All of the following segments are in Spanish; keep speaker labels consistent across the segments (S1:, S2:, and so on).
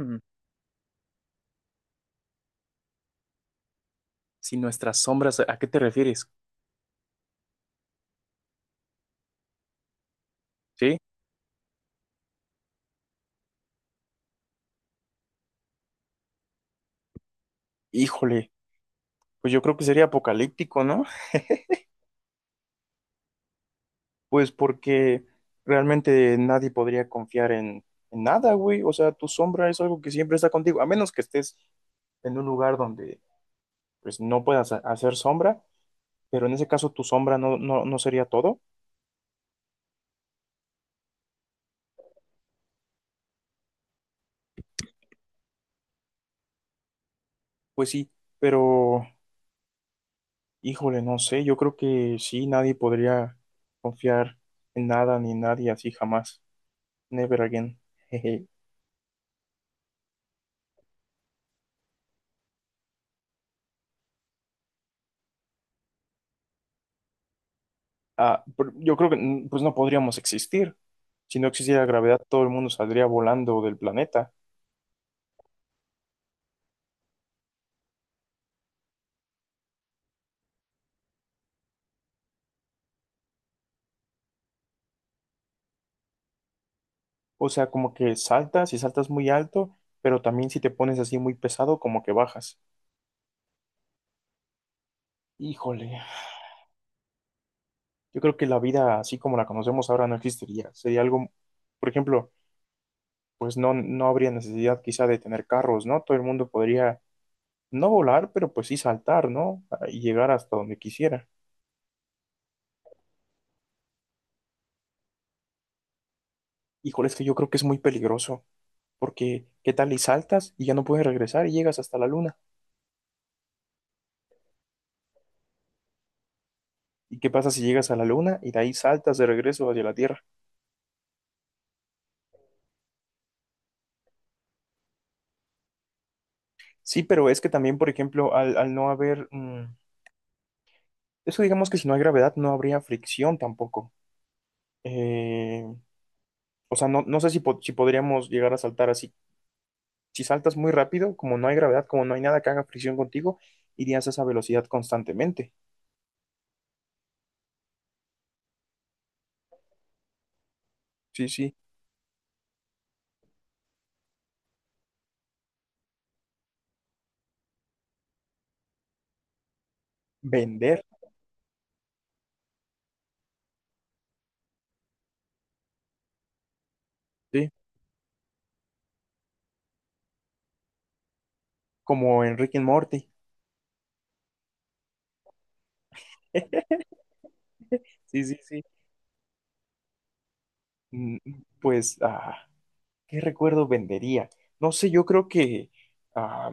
S1: Mm, Si nuestras sombras, ¿a qué te refieres? ¿Sí? Híjole, pues yo creo que sería apocalíptico, ¿no? Pues porque realmente nadie podría confiar en nada, güey. O sea, tu sombra es algo que siempre está contigo, a menos que estés en un lugar donde pues no puedas hacer sombra, pero en ese caso tu sombra no sería todo. Pues sí, pero híjole, no sé, yo creo que sí, nadie podría confiar en nada ni nadie así jamás. Never again. Ah, pero yo creo que pues no podríamos existir. Si no existiera gravedad, todo el mundo saldría volando del planeta. O sea, como que saltas y saltas muy alto, pero también si te pones así muy pesado, como que bajas. Híjole, yo creo que la vida así como la conocemos ahora no existiría. Sería algo, por ejemplo, pues no, no habría necesidad quizá de tener carros, ¿no? Todo el mundo podría no volar, pero pues sí saltar, ¿no? Ah, y llegar hasta donde quisiera. Híjole, es que yo creo que es muy peligroso. Porque, ¿qué tal y saltas y ya no puedes regresar y llegas hasta la luna? ¿Y qué pasa si llegas a la luna y de ahí saltas de regreso hacia la Tierra? Sí, pero es que también, por ejemplo, al no haber... eso digamos que si no hay gravedad no habría fricción tampoco. Eh, o sea, no, no sé si, si podríamos llegar a saltar así. Si saltas muy rápido, como no hay gravedad, como no hay nada que haga fricción contigo, irías a esa velocidad constantemente. Sí, sí. Vender, sí. Como en Rick and Morty. Sí, sí, sí. Mm, pues, ah. ¿Qué recuerdo vendería? No sé, yo creo que, ah,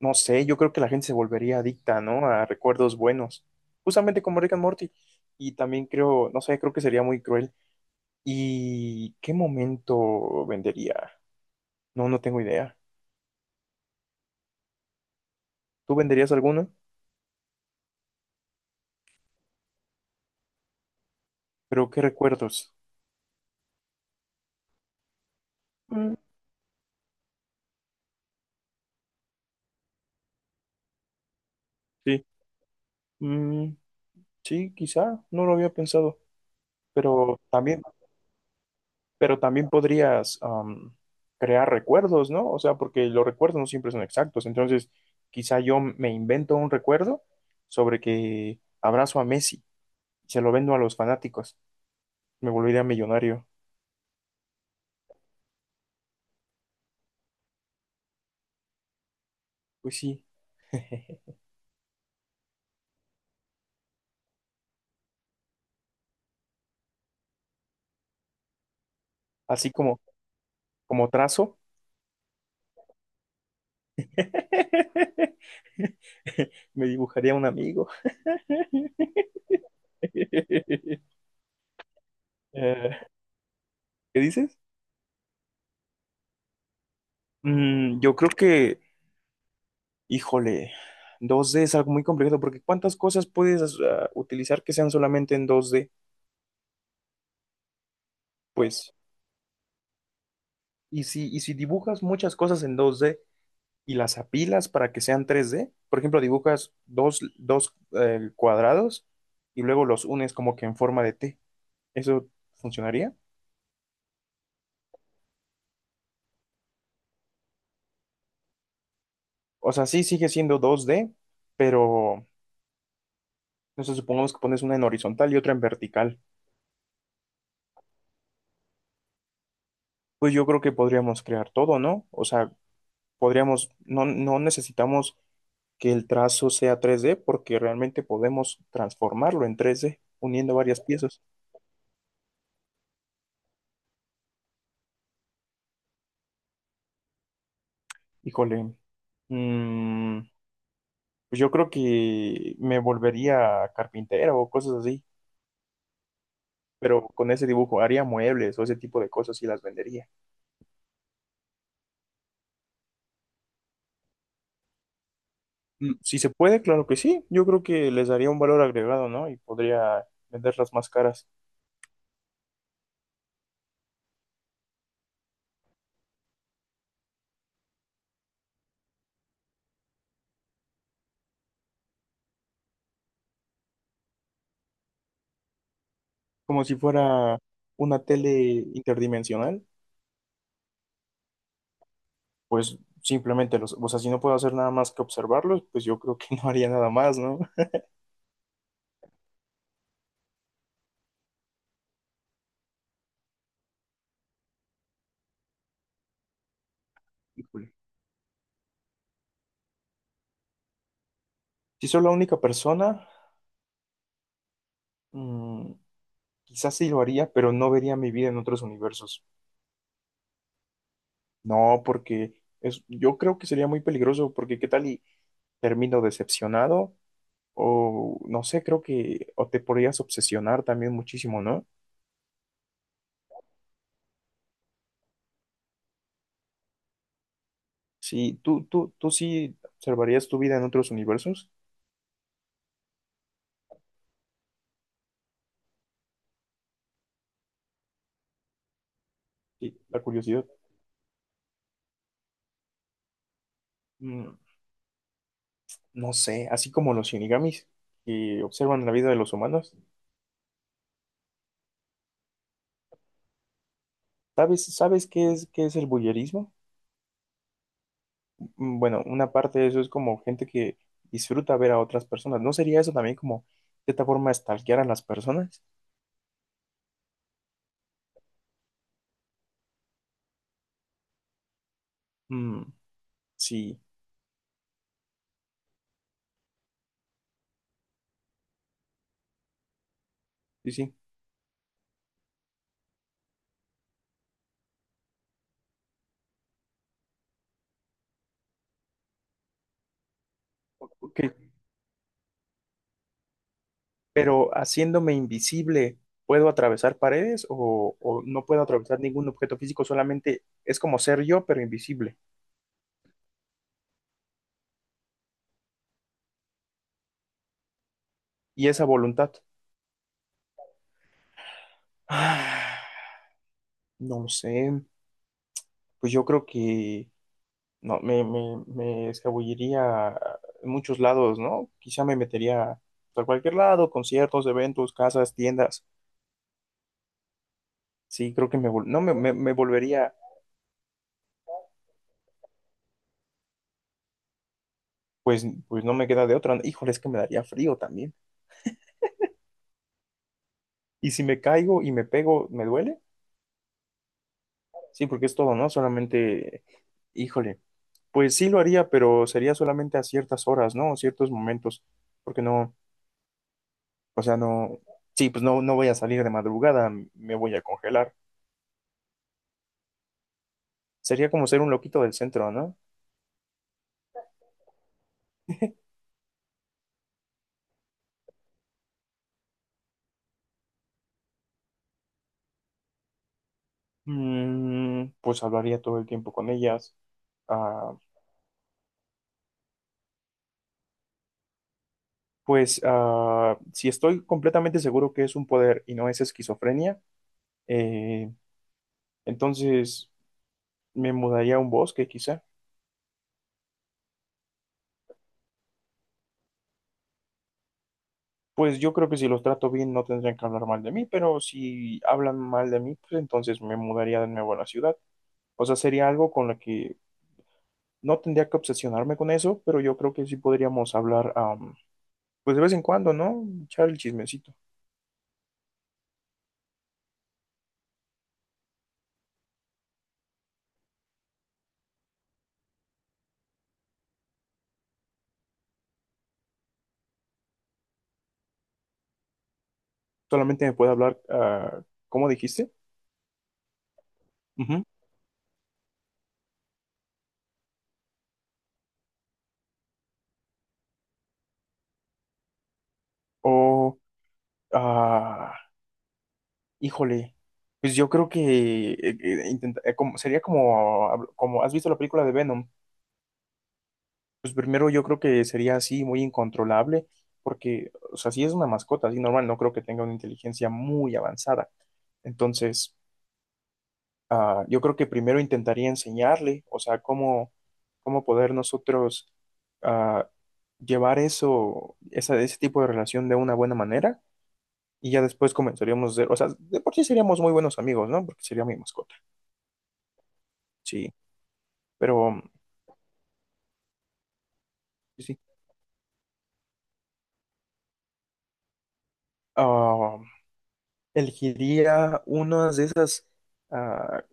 S1: no sé, yo creo que la gente se volvería adicta, ¿no? A recuerdos buenos, justamente como Rick and Morty. Y también creo, no sé, creo que sería muy cruel. ¿Y qué momento vendería? No, no tengo idea. ¿Tú venderías alguno? Pero ¿qué recuerdos? Mm, sí. Mm, sí, quizá, no lo había pensado, pero también pero también podrías crear recuerdos, ¿no? O sea, porque los recuerdos no siempre son exactos. Entonces, quizá yo me invento un recuerdo sobre que abrazo a Messi y se lo vendo a los fanáticos. Me volvería millonario. Pues sí. Así como, como trazo, me dibujaría un amigo. Eh, ¿qué dices? Mm, yo creo que híjole, dos d es algo muy complejo porque ¿cuántas cosas puedes utilizar que sean solamente en dos d? Pues, y si dibujas muchas cosas en dos d y las apilas para que sean tres d, por ejemplo, dibujas dos cuadrados y luego los unes como que en forma de T, ¿eso funcionaría? O sea, sí sigue siendo dos d, pero no sé, supongamos que pones una en horizontal y otra en vertical. Pues yo creo que podríamos crear todo, ¿no? O sea, podríamos, no, no necesitamos que el trazo sea tres d porque realmente podemos transformarlo en tres d uniendo varias piezas. Híjole, mm, pues yo creo que me volvería carpintera o cosas así, pero con ese dibujo haría muebles o ese tipo de cosas y las vendería. Si se puede, claro que sí. Yo creo que les daría un valor agregado, ¿no? Y podría venderlas más caras, como si fuera una tele interdimensional, pues simplemente los, o sea, si no puedo hacer nada más que observarlos, pues yo creo que no haría nada más, ¿no? Híjole. Si soy la única persona, mm, quizás sí lo haría, pero no vería mi vida en otros universos. No, porque es, yo creo que sería muy peligroso, porque qué tal y termino decepcionado, o no sé, creo que o te podrías obsesionar también muchísimo, ¿no? Sí, tú sí observarías tu vida en otros universos. Sí, la curiosidad. Mm, no sé, así como los shinigamis que observan la vida de los humanos. ¿Sabes, sabes qué es el bullerismo? Bueno, una parte de eso es como gente que disfruta ver a otras personas. ¿No sería eso también como de esta forma de stalkear a las personas? Mm, sí, sí, sí. Ok, pero haciéndome invisible, ¿puedo atravesar paredes o no puedo atravesar ningún objeto físico? Solamente es como ser yo, pero invisible. Y esa voluntad. Ah, no lo sé. Pues yo creo que no, me escabulliría en muchos lados, ¿no? Quizá me metería a cualquier lado, conciertos, eventos, casas, tiendas. Sí, creo que me, no, me volvería, pues, pues no me queda de otra, ¿no? Híjole, es que me daría frío también. Y si me caigo y me pego, ¿me duele? Sí, porque es todo, ¿no? Solamente, híjole, pues sí lo haría, pero sería solamente a ciertas horas, ¿no? Ciertos momentos, porque no, o sea, no, sí, pues no, no voy a salir de madrugada, me voy a congelar. Sería como ser un loquito del centro, ¿no? Pues hablaría todo el tiempo con ellas. Ah, pues si estoy completamente seguro que es un poder y no es esquizofrenia, eh, entonces me mudaría a un bosque quizá. Pues yo creo que si los trato bien no tendrían que hablar mal de mí, pero si hablan mal de mí, pues entonces me mudaría de nuevo a la ciudad. O sea, sería algo con lo que no tendría que obsesionarme con eso, pero yo creo que sí podríamos hablar, pues de vez en cuando, ¿no? Echar el chismecito. Solamente me puede hablar, ah, ¿cómo dijiste? Ujú. O, ah, híjole, pues yo creo que como, sería como, como, ¿has visto la película de Venom? Pues primero yo creo que sería así, muy incontrolable, porque, o sea, si es una mascota, así normal, no creo que tenga una inteligencia muy avanzada. Entonces, yo creo que primero intentaría enseñarle, o sea, cómo, cómo poder nosotros ah, llevar ese tipo de relación de una buena manera. Y ya después comenzaríamos a ser, o sea, de por sí seríamos muy buenos amigos, ¿no? Porque sería mi mascota, sí, pero sí, sí, ah, elegiría unas de esas ah,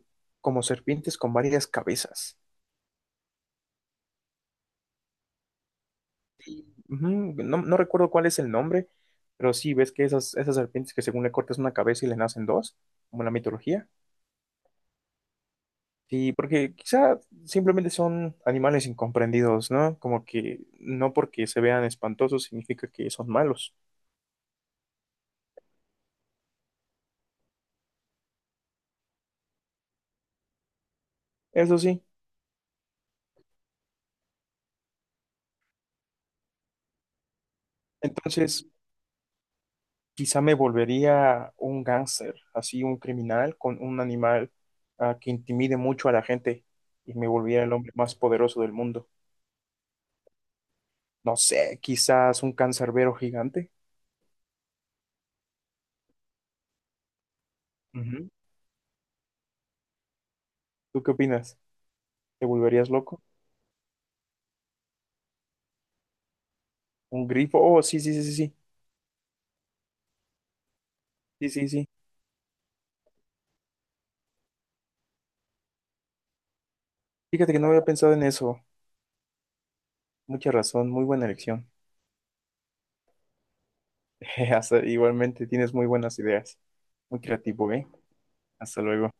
S1: como serpientes con varias cabezas. Ujú. No, no recuerdo cuál es el nombre, pero sí, ves que esas, esas serpientes que según le cortas una cabeza y le nacen dos, como en la mitología. Sí, porque quizá simplemente son animales incomprendidos, ¿no? Como que no porque se vean espantosos significa que son malos. Eso sí. Entonces, quizá me volvería un gángster, así un criminal con un animal que intimide mucho a la gente y me volviera el hombre más poderoso del mundo. No sé, quizás un cancerbero gigante. Ujú. ¿Tú qué opinas? ¿Te volverías loco? ¿Un grifo? Oh, sí, sí, sí, sí, sí, sí, sí, sí. Fíjate que no había pensado en eso. Mucha razón, muy buena elección. Hasta- igualmente tienes muy buenas ideas. Muy creativo, ¿eh? Hasta luego.